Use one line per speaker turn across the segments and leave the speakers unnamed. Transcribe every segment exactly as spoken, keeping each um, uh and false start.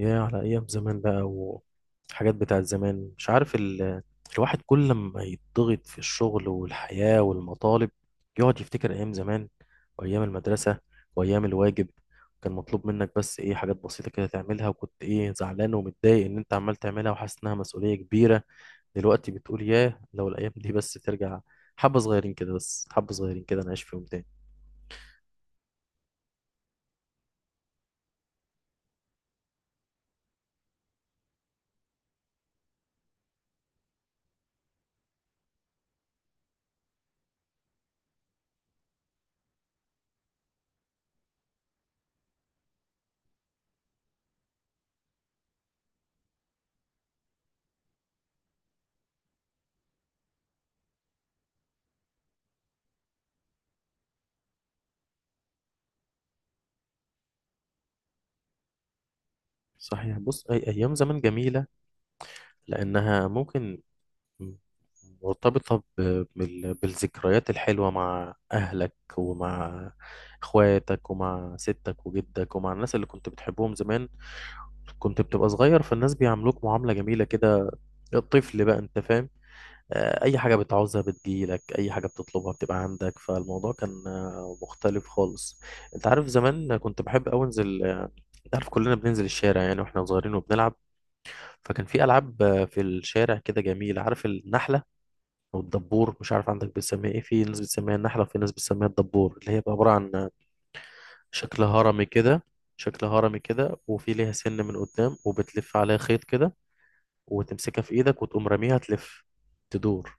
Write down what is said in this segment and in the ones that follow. يا على أيام زمان بقى وحاجات بتاعت زمان مش عارف ال... الواحد كل ما يتضغط في الشغل والحياة والمطالب، يقعد يفتكر أيام زمان وأيام المدرسة وأيام الواجب. كان مطلوب منك بس إيه حاجات بسيطة كده تعملها، وكنت إيه زعلان ومتضايق إن أنت عمال تعملها وحاسس إنها مسؤولية كبيرة. دلوقتي بتقول ياه لو الأيام دي بس ترجع، حبة صغيرين كده، بس حبة صغيرين كده نعيش فيهم تاني. صحيح، بص أي أيام زمان جميلة لأنها ممكن مم. مرتبطة ب- بال- بالذكريات الحلوة مع أهلك ومع إخواتك ومع ستك وجدك ومع الناس اللي كنت بتحبهم زمان. كنت بتبقى صغير فالناس بيعاملوك معاملة جميلة كده، الطفل بقى، أنت فاهم؟ آه، أي حاجة بتعوزها بتجيلك، أي حاجة بتطلبها بتبقى عندك، فالموضوع كان آه، مختلف خالص. أنت عارف زمان كنت بحب أوي أنزل، آه، أنت عارف كلنا بننزل الشارع يعني واحنا صغيرين وبنلعب. فكان في ألعاب آه، في الشارع كده جميلة، عارف النحلة او الدبور؟ مش عارف عندك بتسميها ايه، في ناس بتسميها النحله وفي ناس بتسميها الدبور، اللي هي بقى عباره عن شكل هرمي كده. شكل هرمي كده وفي ليها سن من قدام، وبتلف عليها خيط كده وتمسكها في ايدك وتقوم راميها تلف، تدور.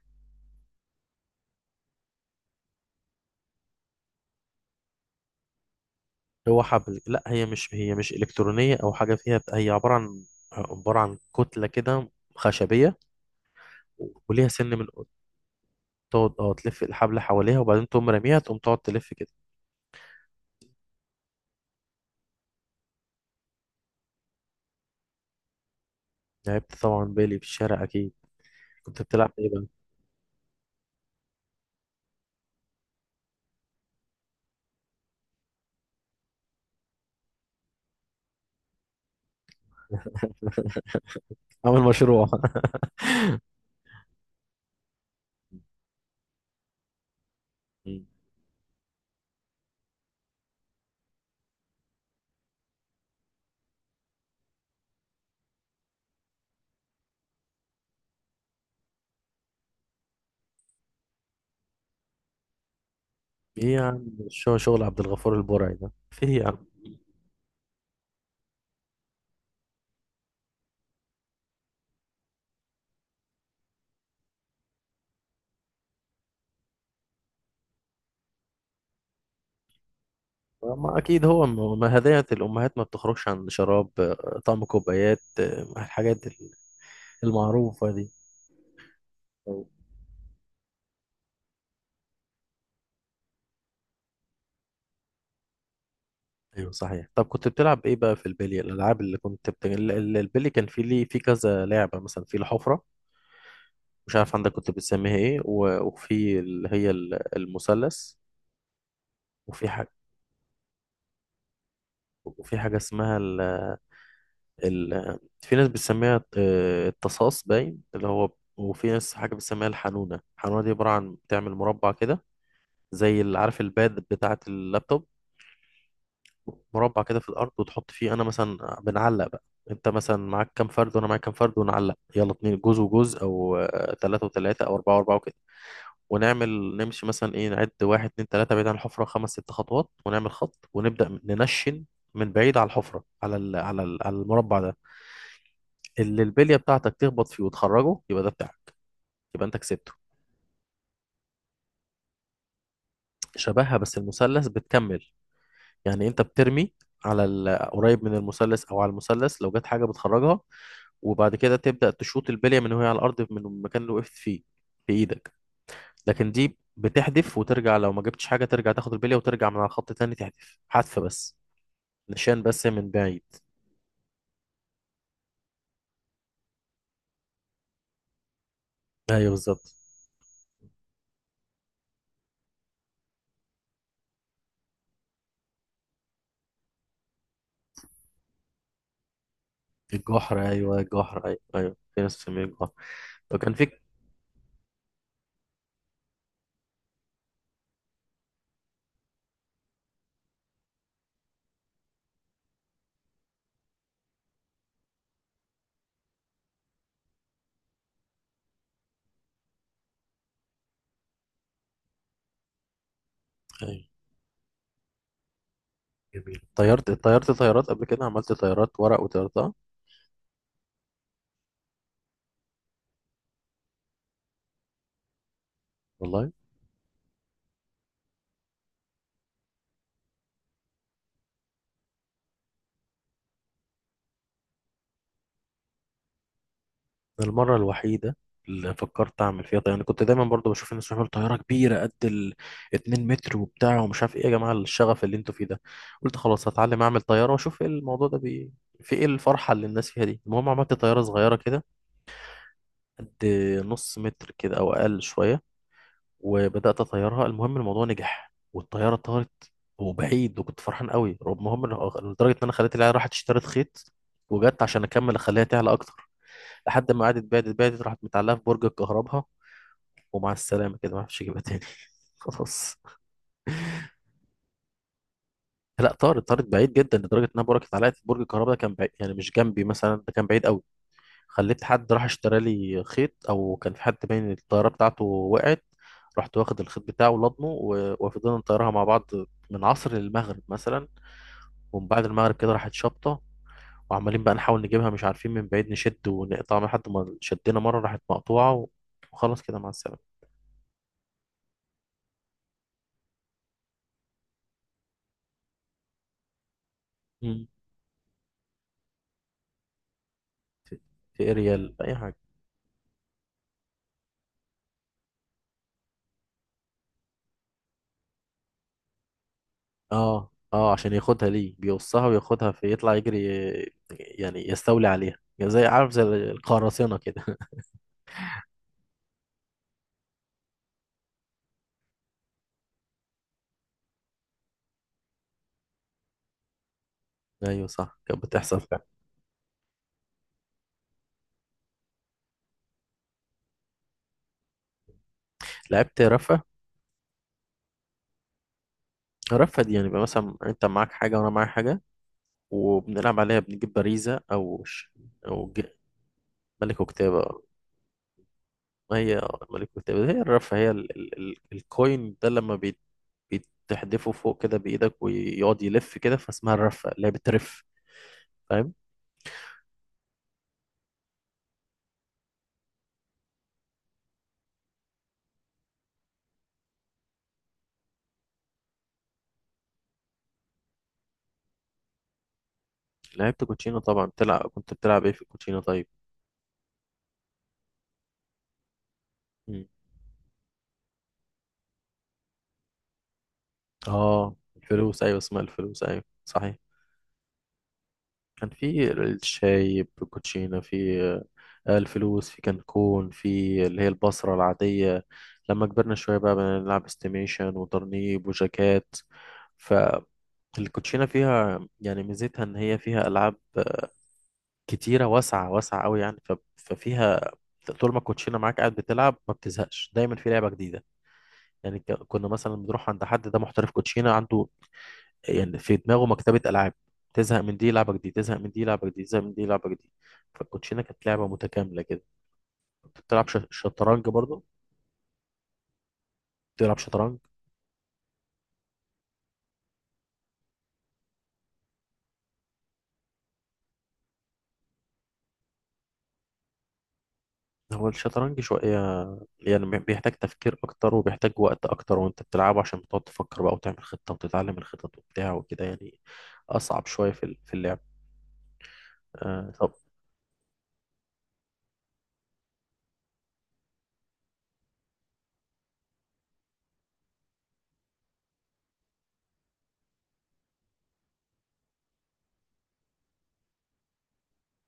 هو حبل. لا، هي مش هي مش الكترونيه او حاجه فيها، هي عباره عن عباره عن كتله كده خشبيه وليها سن من قدام. تقعد اه تلف الحبل حواليها وبعدين تقوم راميها، تقوم تقعد تلف كده. لعبت طبعا بالي في الشارع اكيد. كنت بتلعب ايه بقى؟ عامل مشروع مم. ايه يا عم، مش هو شغل عبد الغفور البرعي ده، في ايه يا عم. ما اكيد هو م- ما هدايا الامهات ما بتخرجش عن شراب، آه، طعم كوبايات، آه، الحاجات ال- المعروفه دي. أيوة، أيوة، صحيح. طب كنت بتلعب ايه بقى في البلي؟ الالعاب اللي كنت بت... ال- ال- البلي كان في ليه في كذا لعبه، مثلا في الحفره، مش عارف عندك كنت بتسميها ايه، و... وفي اللي هي ال- المثلث، وفي حاجه، وفي حاجه اسمها ال... في ناس بتسميها آه، التصاص باين، اللي هو، وفي ناس حاجة بتسميها الحنونة. الحنونة دي عبارة عن بتعمل مربع كده، زي اللي عارف الباد بتاعة اللابتوب، مربع كده في الأرض وتحط فيه. أنا مثلا بنعلق بقى، أنت مثلا معاك كام فرد وأنا معاك كام فرد، ونعلق يلا اتنين جوز وجوز أو آه، تلاتة وتلاتة أو أربعة وأربعة وكده. ونعمل نمشي مثلا إيه نعد واحد اتنين تلاتة، بعيد عن الحفرة خمس ست خطوات، ونعمل خط ونبدأ ننشن من بعيد على الحفرة، على ال... على ال... على المربع ده، اللي البليه بتاعتك تخبط فيه وتخرجه يبقى ده بتاعك، يبقى انت كسبته. شبهها، بس المثلث بتكمل، يعني انت بترمي على ال- قريب من المثلث او على المثلث، لو جت حاجه بتخرجها، وبعد كده تبدا تشوط البليه من وهي على الارض، من المكان اللي وقفت فيه بايدك. لكن دي بتحدف وترجع، لو ما جبتش حاجه ترجع تاخد البليه وترجع من على الخط تاني تحدف، حذف بس، نشان بس من بعيد. ايوه بالظبط. الجحر، ايوه الجحر، ايوه، ايوه في ناس بتسميه الجحر. فكان في أيوة. جميل. طيرت، طيرت طيارات قبل كده؟ عملت طيارات ورق وطيرتها؟ والله المرة الوحيدة اللي فكرت أعمل فيها طيارة، أنا كنت دايما برضو بشوف الناس بيعملوا طيارة كبيرة قد ال اتنين متر وبتاع ومش عارف إيه، يا جماعة الشغف اللي أنتوا فيه ده. قلت خلاص هتعلم أعمل طيارة وأشوف إيه الموضوع ده بي... في إيه الفرحة اللي الناس فيها دي. المهم عملت طيارة صغيرة كده، قد نص متر كده أو أقل شوية، وبدات اطيرها. المهم الموضوع نجح والطياره طارت وبعيد، وكنت فرحان قوي. المهم إن- لدرجه ان انا خليت العيال راحت اشترت خيط وجت عشان اكمل اخليها تعلى اكتر، لحد ما قعدت بعدت بعدت راحت متعلقه في برج الكهرباء، ومع السلامه كده، ما عرفتش اجيبها تاني خلاص. لا طارت، طارت بعيد جدا، لدرجه انها بركت علقت في برج الكهرباء، ده كان بعيد يعني مش جنبي مثلا، ده كان بعيد قوي. خليت حد راح اشترى لي خيط، او كان في حد باين الطياره بتاعته وقعت، رحت واخد الخيط بتاعه ولضمه و- وفضلنا نطيرها مع بعض من عصر للمغرب مثلا. ومن بعد المغرب كده راحت شابطه، وعمالين بقى نحاول نجيبها مش عارفين، من بعيد نشد ونقطع لحد ما شدينا مره راحت مقطوعه، وخلاص كده مع السلامه. مم. في في اريال اي حاجه. اه، اه، عشان ياخدها، ليه؟ بيقصها وياخدها، في يطلع يجري، يعني يستولي عليها يعني، زي عارف زي القراصنه كده. ايوه صح، كانت بتحصل. لعبت رفا؟ رفا دي يعني بقى مثلا انت معاك حاجة وانا معايا حاجة، وبنلعب عليها، بنجيب باريزة او ش... او ج... ملك وكتابة. ما هي ملك وكتابة هي الرفا، هي ال... ال... ال... الكوين ده لما بيت... بتحدفه فوق كده بإيدك ويقعد يلف كده، فاسمها الرفا، لعبة رف، فاهم؟ لعبت كوتشينة طبعا، بتلعب، كنت بتلعب ايه في الكوتشينة طيب؟ مم. اه الفلوس، ايوه اسمها الفلوس، ايوه صحيح. كان في الشاي بالكوتشينا، في آه، الفلوس، في كانكون، في اللي هي البصرة العادية. لما كبرنا شوية بقى بنلعب استيميشن وطرنيب وجاكات. فالكوتشينة فيها يعني ميزتها إن هي فيها ألعاب كتيرة واسعة، واسعة أوي يعني، ف- ففيها طول ما الكوتشينة معاك قاعد بتلعب ما بتزهقش، دايما في لعبة جديدة. يعني ك- كنا مثلا بنروح عند حد ده محترف كوتشينة، عنده يعني في دماغه مكتبة ألعاب، تزهق من دي لعبة جديدة، تزهق من دي لعبة جديدة، تزهق من دي لعبة جديدة. فالكوتشينة كانت لعبة متكاملة كده. كنت بتلعب ش- شطرنج برضه؟ بتلعب شطرنج؟ هو الشطرنج شوية يعني، بي- بيحتاج تفكير أكتر وبيحتاج وقت أكتر، وأنت بتلعبه عشان بتقعد تفكر بقى وتعمل خطة وتتعلم الخطط وبتاع وكده يعني، أصعب شوية في ال- في اللعب. آه طب.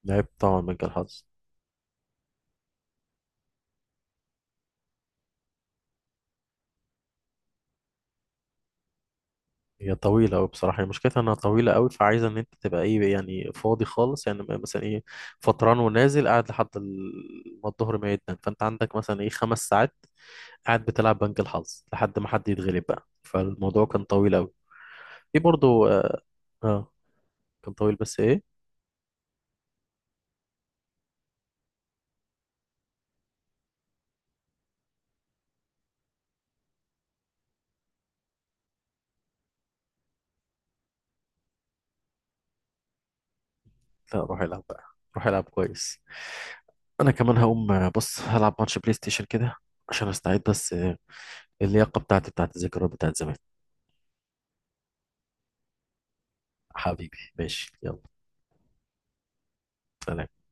لعبت طبعا مجال الحظ. هي طويلة أوي بصراحة، هي مشكلتها إنها طويلة أوي، فعايزة إن أنت تبقى إيه يعني فاضي خالص، يعني م- مثلا إيه فطران ونازل قاعد لحد ال- ما الظهر ما يدن، فأنت عندك مثلا إيه خمس ساعات قاعد بتلعب بنك الحظ لحد ما حد يتغلب بقى، فالموضوع كان طويل أوي. في برضو آه, آه، كان طويل بس إيه. لا روح العب بقى، روح العب كويس. أنا كمان هقوم، آه، بص هلعب ماتش بلاي ستيشن كده، عشان أستعيد بس، آه، اللياقة بتاعتي بتاعت الذكريات بتاعت زمان. حبيبي ماشي يلا، سلام.